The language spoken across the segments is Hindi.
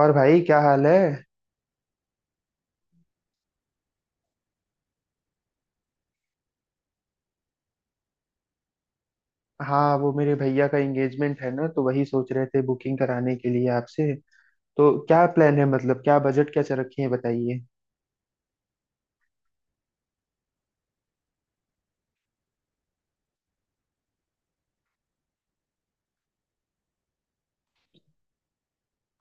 और भाई क्या हाल है। हाँ, वो मेरे भैया का एंगेजमेंट है ना, तो वही सोच रहे थे बुकिंग कराने के लिए आपसे। तो क्या प्लान है, मतलब क्या बजट क्या रखी है बताइए।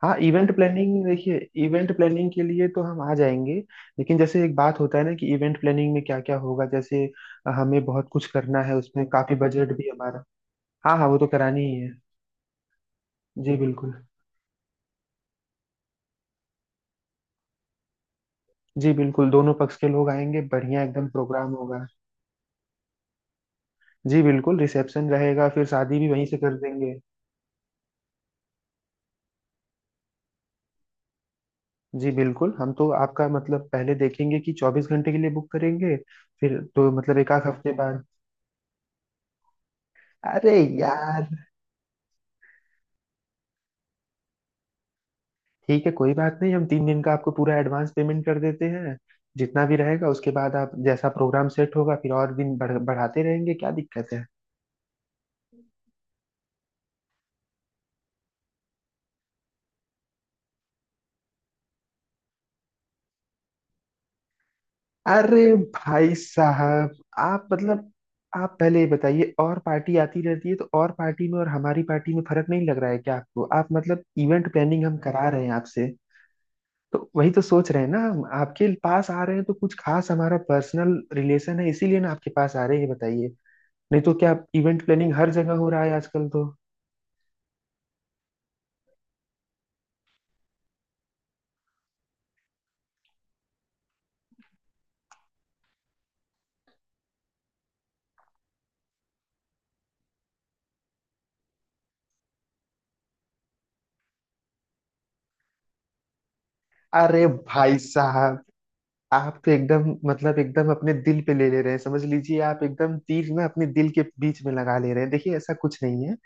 हाँ, इवेंट प्लानिंग देखिए। इवेंट प्लानिंग के लिए तो हम आ जाएंगे। लेकिन जैसे एक बात होता है ना कि इवेंट प्लानिंग में क्या क्या होगा, जैसे हमें बहुत कुछ करना है, उसमें काफी बजट भी हमारा। हाँ हाँ, वो तो करानी ही है। जी बिल्कुल। जी बिल्कुल, दोनों पक्ष के लोग आएंगे, बढ़िया एकदम प्रोग्राम होगा। जी बिल्कुल, रिसेप्शन रहेगा, फिर शादी भी वहीं से कर देंगे। जी बिल्कुल, हम तो आपका मतलब पहले देखेंगे कि 24 घंटे के लिए बुक करेंगे। फिर तो मतलब एक आध हफ्ते बाद। अरे यार। ठीक है कोई बात नहीं, हम 3 दिन का आपको पूरा एडवांस पेमेंट कर देते हैं जितना भी रहेगा, उसके बाद आप जैसा प्रोग्राम सेट होगा फिर और दिन बढ़ाते रहेंगे, क्या दिक्कत है। अरे भाई साहब, आप मतलब। आप पहले ये बताइए, और पार्टी आती रहती है तो और पार्टी में और हमारी पार्टी में फर्क नहीं लग रहा है क्या आपको? आप मतलब इवेंट प्लानिंग हम करा रहे हैं आपसे। तो वही तो सोच रहे हैं ना, हम आपके पास आ रहे हैं तो कुछ खास हमारा पर्सनल रिलेशन है इसीलिए ना आपके पास आ रहे हैं, ये बताइए। नहीं तो क्या इवेंट प्लानिंग हर जगह हो रहा है आजकल तो। अरे भाई साहब, आप तो एकदम मतलब एकदम अपने दिल पे ले ले रहे हैं, समझ लीजिए आप एकदम तीर ना अपने दिल के बीच में लगा ले रहे हैं, देखिए ऐसा कुछ नहीं है।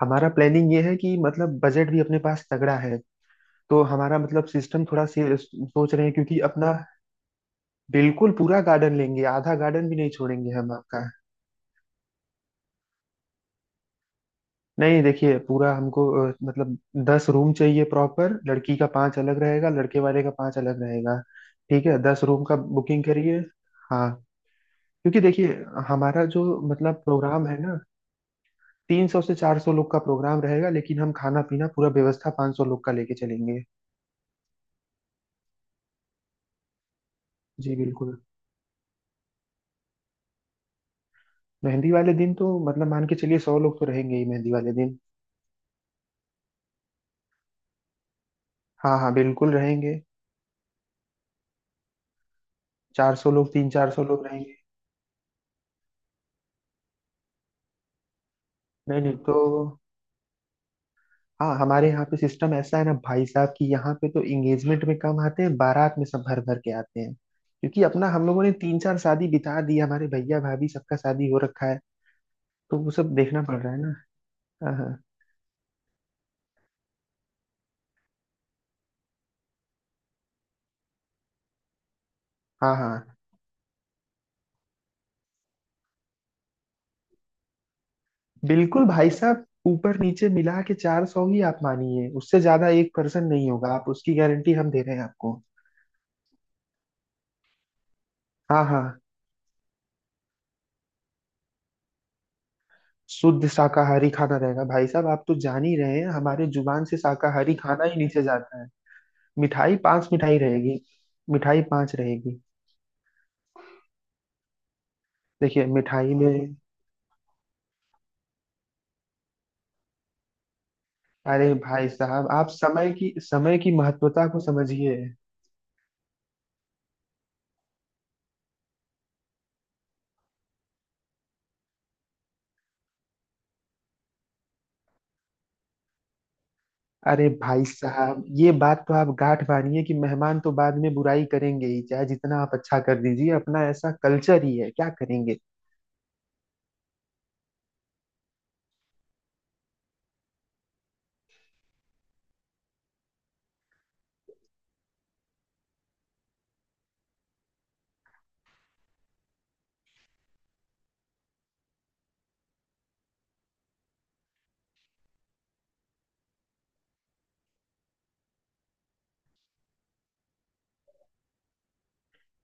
हमारा प्लानिंग ये है कि मतलब बजट भी अपने पास तगड़ा है। तो हमारा मतलब सिस्टम थोड़ा से सोच रहे हैं क्योंकि अपना। बिल्कुल पूरा गार्डन लेंगे, आधा गार्डन भी नहीं छोड़ेंगे हम आपका। नहीं देखिए, पूरा हमको मतलब 10 रूम चाहिए प्रॉपर, लड़की का 5 अलग रहेगा, लड़के वाले का 5 अलग रहेगा। ठीक है, 10 रूम का बुकिंग करिए। हाँ। क्योंकि देखिए हमारा जो मतलब प्रोग्राम है ना, 300 से 400 लोग का प्रोग्राम रहेगा, लेकिन हम खाना पीना पूरा व्यवस्था 500 लोग का लेके चलेंगे। जी बिल्कुल। मेहंदी वाले दिन तो मतलब मान के चलिए 100 लोग तो रहेंगे ही मेहंदी वाले दिन। हाँ हाँ बिल्कुल रहेंगे। 400 लोग, तीन चार सौ लोग रहेंगे। नहीं नहीं तो। हाँ, हमारे यहाँ पे सिस्टम ऐसा है ना भाई साहब कि यहाँ पे तो एंगेजमेंट में कम आते हैं, बारात में सब भर भर के आते हैं, क्योंकि अपना हम लोगों ने तीन चार शादी बिता दी, हमारे भैया भाभी सबका शादी हो रखा है। तो वो सब देखना पड़ रहा है ना। हाँ हाँ। हाँ हाँ बिल्कुल भाई साहब, ऊपर नीचे मिला के 400 ही आप मानिए, उससे ज्यादा एक पर्सन नहीं होगा, आप उसकी गारंटी हम दे रहे हैं आपको। हाँ हाँ। शुद्ध शाकाहारी खाना रहेगा भाई साहब, आप तो जान ही रहे हैं हमारे जुबान से शाकाहारी खाना ही नीचे जाता है। मिठाई 5 मिठाई रहेगी। मिठाई पांच रहेगी। देखिए मिठाई में। अरे भाई साहब, आप समय की महत्वता को समझिए। अरे भाई साहब, ये बात तो आप गांठ बांधिए कि मेहमान तो बाद में बुराई करेंगे ही, चाहे जितना आप अच्छा कर दीजिए, अपना ऐसा कल्चर ही है, क्या करेंगे।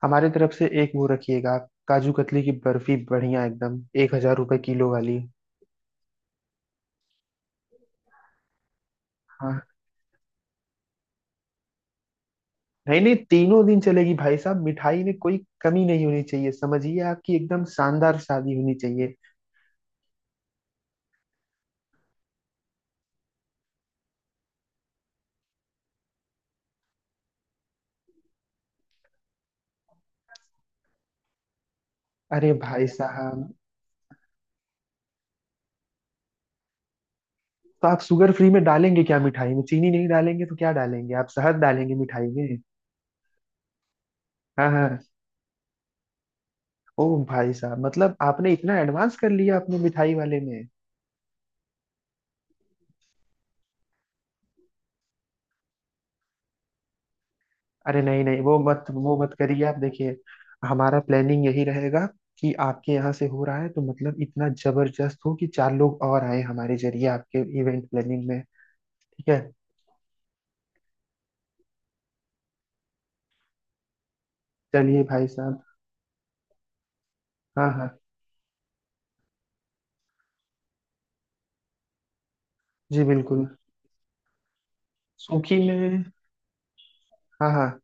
हमारे तरफ से एक वो रखिएगा आप, काजू कतली की बर्फी, बढ़िया एकदम, 1,000 रुपए किलो वाली। हाँ। नहीं नहीं, तीनों दिन चलेगी भाई साहब, मिठाई में कोई कमी नहीं होनी चाहिए, समझिए आपकी एकदम शानदार शादी होनी चाहिए। अरे भाई साहब। तो आप शुगर फ्री में डालेंगे क्या, मिठाई में चीनी नहीं डालेंगे तो क्या डालेंगे आप, शहद डालेंगे मिठाई में? हाँ हाँ। ओ भाई साहब, मतलब आपने इतना एडवांस कर लिया अपने मिठाई वाले में। अरे नहीं नहीं, वो मत वो मत करिए आप, देखिए हमारा प्लानिंग यही रहेगा कि आपके यहाँ से हो रहा है तो मतलब इतना जबरदस्त हो कि चार लोग और आए हमारे जरिए आपके इवेंट प्लानिंग में। ठीक है। चलिए भाई साहब। हाँ हाँ। जी बिल्कुल। सूखी में। हाँ हाँ।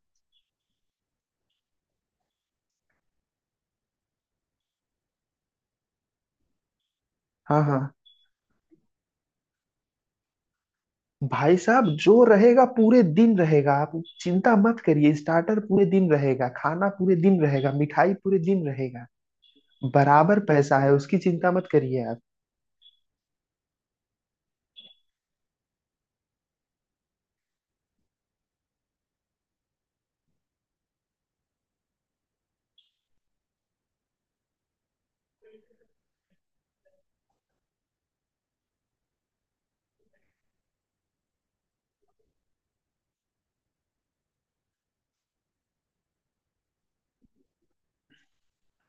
हाँ हाँ भाई साहब, जो रहेगा पूरे दिन रहेगा, आप चिंता मत करिए, स्टार्टर पूरे दिन रहेगा, खाना पूरे दिन रहेगा, मिठाई पूरे दिन रहेगा। बराबर पैसा है, उसकी चिंता मत करिए आप।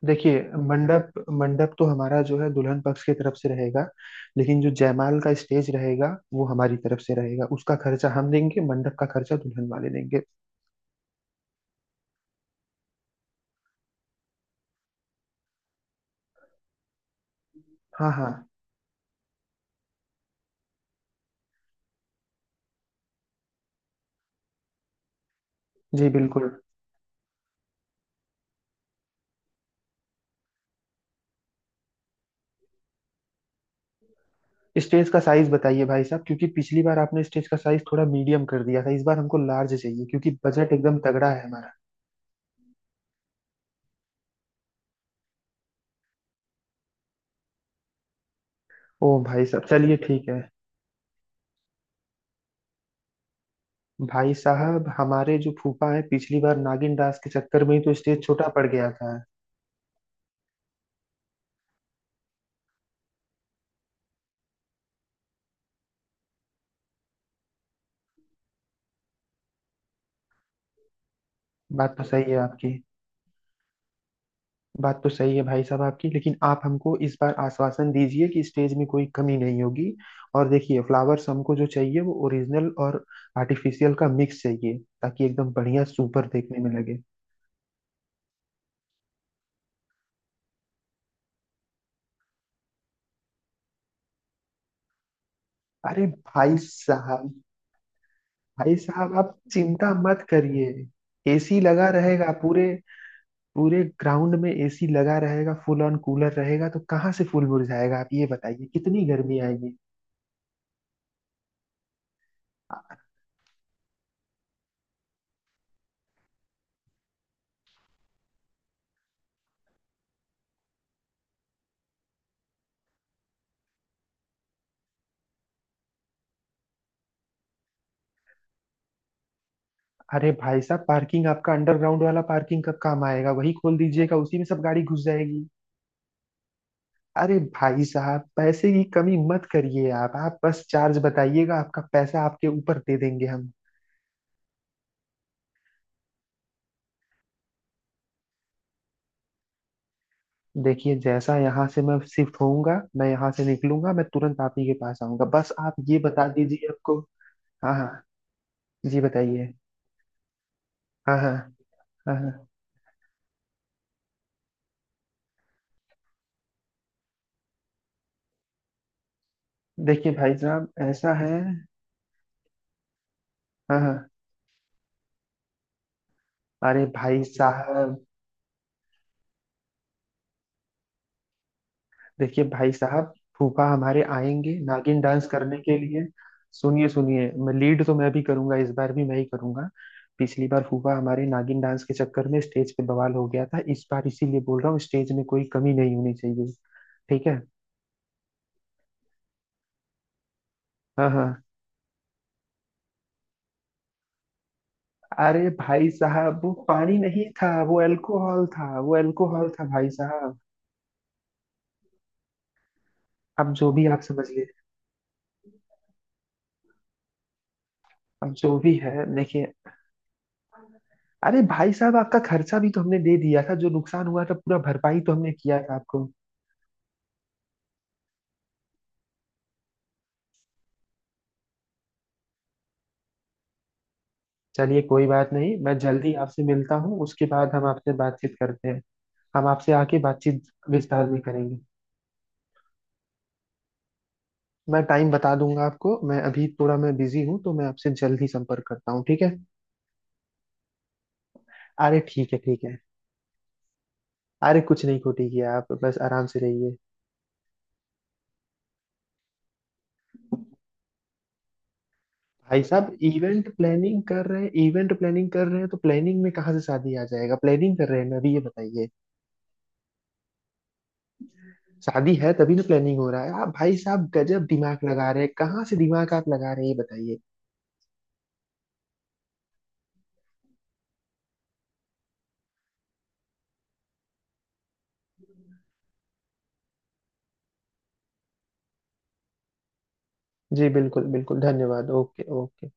देखिए मंडप, मंडप तो हमारा जो है दुल्हन पक्ष की तरफ से रहेगा, लेकिन जो जयमाल का स्टेज रहेगा वो हमारी तरफ से रहेगा, उसका खर्चा हम देंगे, मंडप का खर्चा दुल्हन वाले देंगे। हाँ हाँ। जी बिल्कुल। स्टेज का साइज बताइए भाई साहब, क्योंकि पिछली बार आपने स्टेज का साइज थोड़ा मीडियम कर दिया था, इस बार हमको लार्ज चाहिए क्योंकि बजट एकदम तगड़ा है हमारा। ओ भाई साहब चलिए ठीक है। भाई साहब, हमारे जो फूफा है पिछली बार नागिन दास के चक्कर में ही तो स्टेज छोटा पड़ गया था। बात तो सही है आपकी। बात तो सही है भाई साहब आपकी, लेकिन आप हमको इस बार आश्वासन दीजिए कि स्टेज में कोई कमी नहीं होगी। और देखिए, फ्लावर्स हमको जो चाहिए वो ओरिजिनल और आर्टिफिशियल का मिक्स चाहिए, ताकि एकदम बढ़िया सुपर देखने में लगे। अरे भाई साहब। भाई साहब आप चिंता मत करिए, एसी लगा रहेगा पूरे, पूरे ग्राउंड में एसी लगा रहेगा, फुल ऑन कूलर रहेगा, तो कहाँ से फूल मुरझाएगा, आप ये बताइए कितनी गर्मी आएगी। अ- अरे भाई साहब, पार्किंग आपका अंडरग्राउंड वाला पार्किंग कब काम आएगा, वही खोल दीजिएगा, उसी में सब गाड़ी घुस जाएगी। अरे भाई साहब, पैसे की कमी मत करिए आप बस चार्ज बताइएगा आपका, पैसा आपके ऊपर दे देंगे हम। देखिए जैसा यहाँ से मैं शिफ्ट होऊंगा, मैं यहाँ से निकलूंगा, मैं तुरंत आप ही के पास आऊंगा, बस आप ये बता दीजिए आपको। हाँ हाँ। जी बताइए। हाँ हाँ। हाँ हाँ। देखिए भाई साहब ऐसा है। हाँ हाँ। अरे भाई साहब। देखिए भाई साहब, फूफा हमारे आएंगे नागिन डांस करने के लिए। सुनिए सुनिए, मैं लीड तो मैं भी करूंगा, इस बार भी मैं ही करूंगा। पिछली बार फूफा हमारे नागिन डांस के चक्कर में स्टेज पे बवाल हो गया था, इस बार इसीलिए बोल रहा हूँ स्टेज में कोई कमी नहीं होनी चाहिए। ठीक है। हाँ हाँ। अरे भाई साहब, वो पानी नहीं था, वो अल्कोहल था, वो अल्कोहल था भाई साहब। अब जो भी आप समझ लिए। अब जो भी है, देखिए अरे भाई साहब आपका खर्चा भी तो हमने दे दिया था, जो नुकसान हुआ था पूरा भरपाई तो हमने किया था आपको। चलिए कोई बात नहीं, मैं जल्दी आपसे मिलता हूँ, उसके बाद हम आपसे बातचीत करते हैं। हम आपसे आके बातचीत विस्तार में करेंगे। मैं टाइम बता दूंगा आपको, मैं अभी थोड़ा मैं बिजी हूँ, तो मैं आपसे जल्दी संपर्क करता हूँ, ठीक है। अरे ठीक है ठीक है। अरे कुछ नहीं खोटी किया, आप बस आराम से रहिए। भाई साहब इवेंट प्लानिंग कर रहे हैं, इवेंट प्लानिंग कर रहे हैं, तो प्लानिंग में कहाँ से शादी आ जाएगा, प्लानिंग कर रहे हैं ना, अभी ये बताइए। शादी है तभी ना प्लानिंग हो रहा है, आप भाई साहब गजब दिमाग लगा रहे हैं, कहाँ से दिमाग आप लगा रहे हैं ये बताइए। जी बिल्कुल बिल्कुल, धन्यवाद, ओके ओके।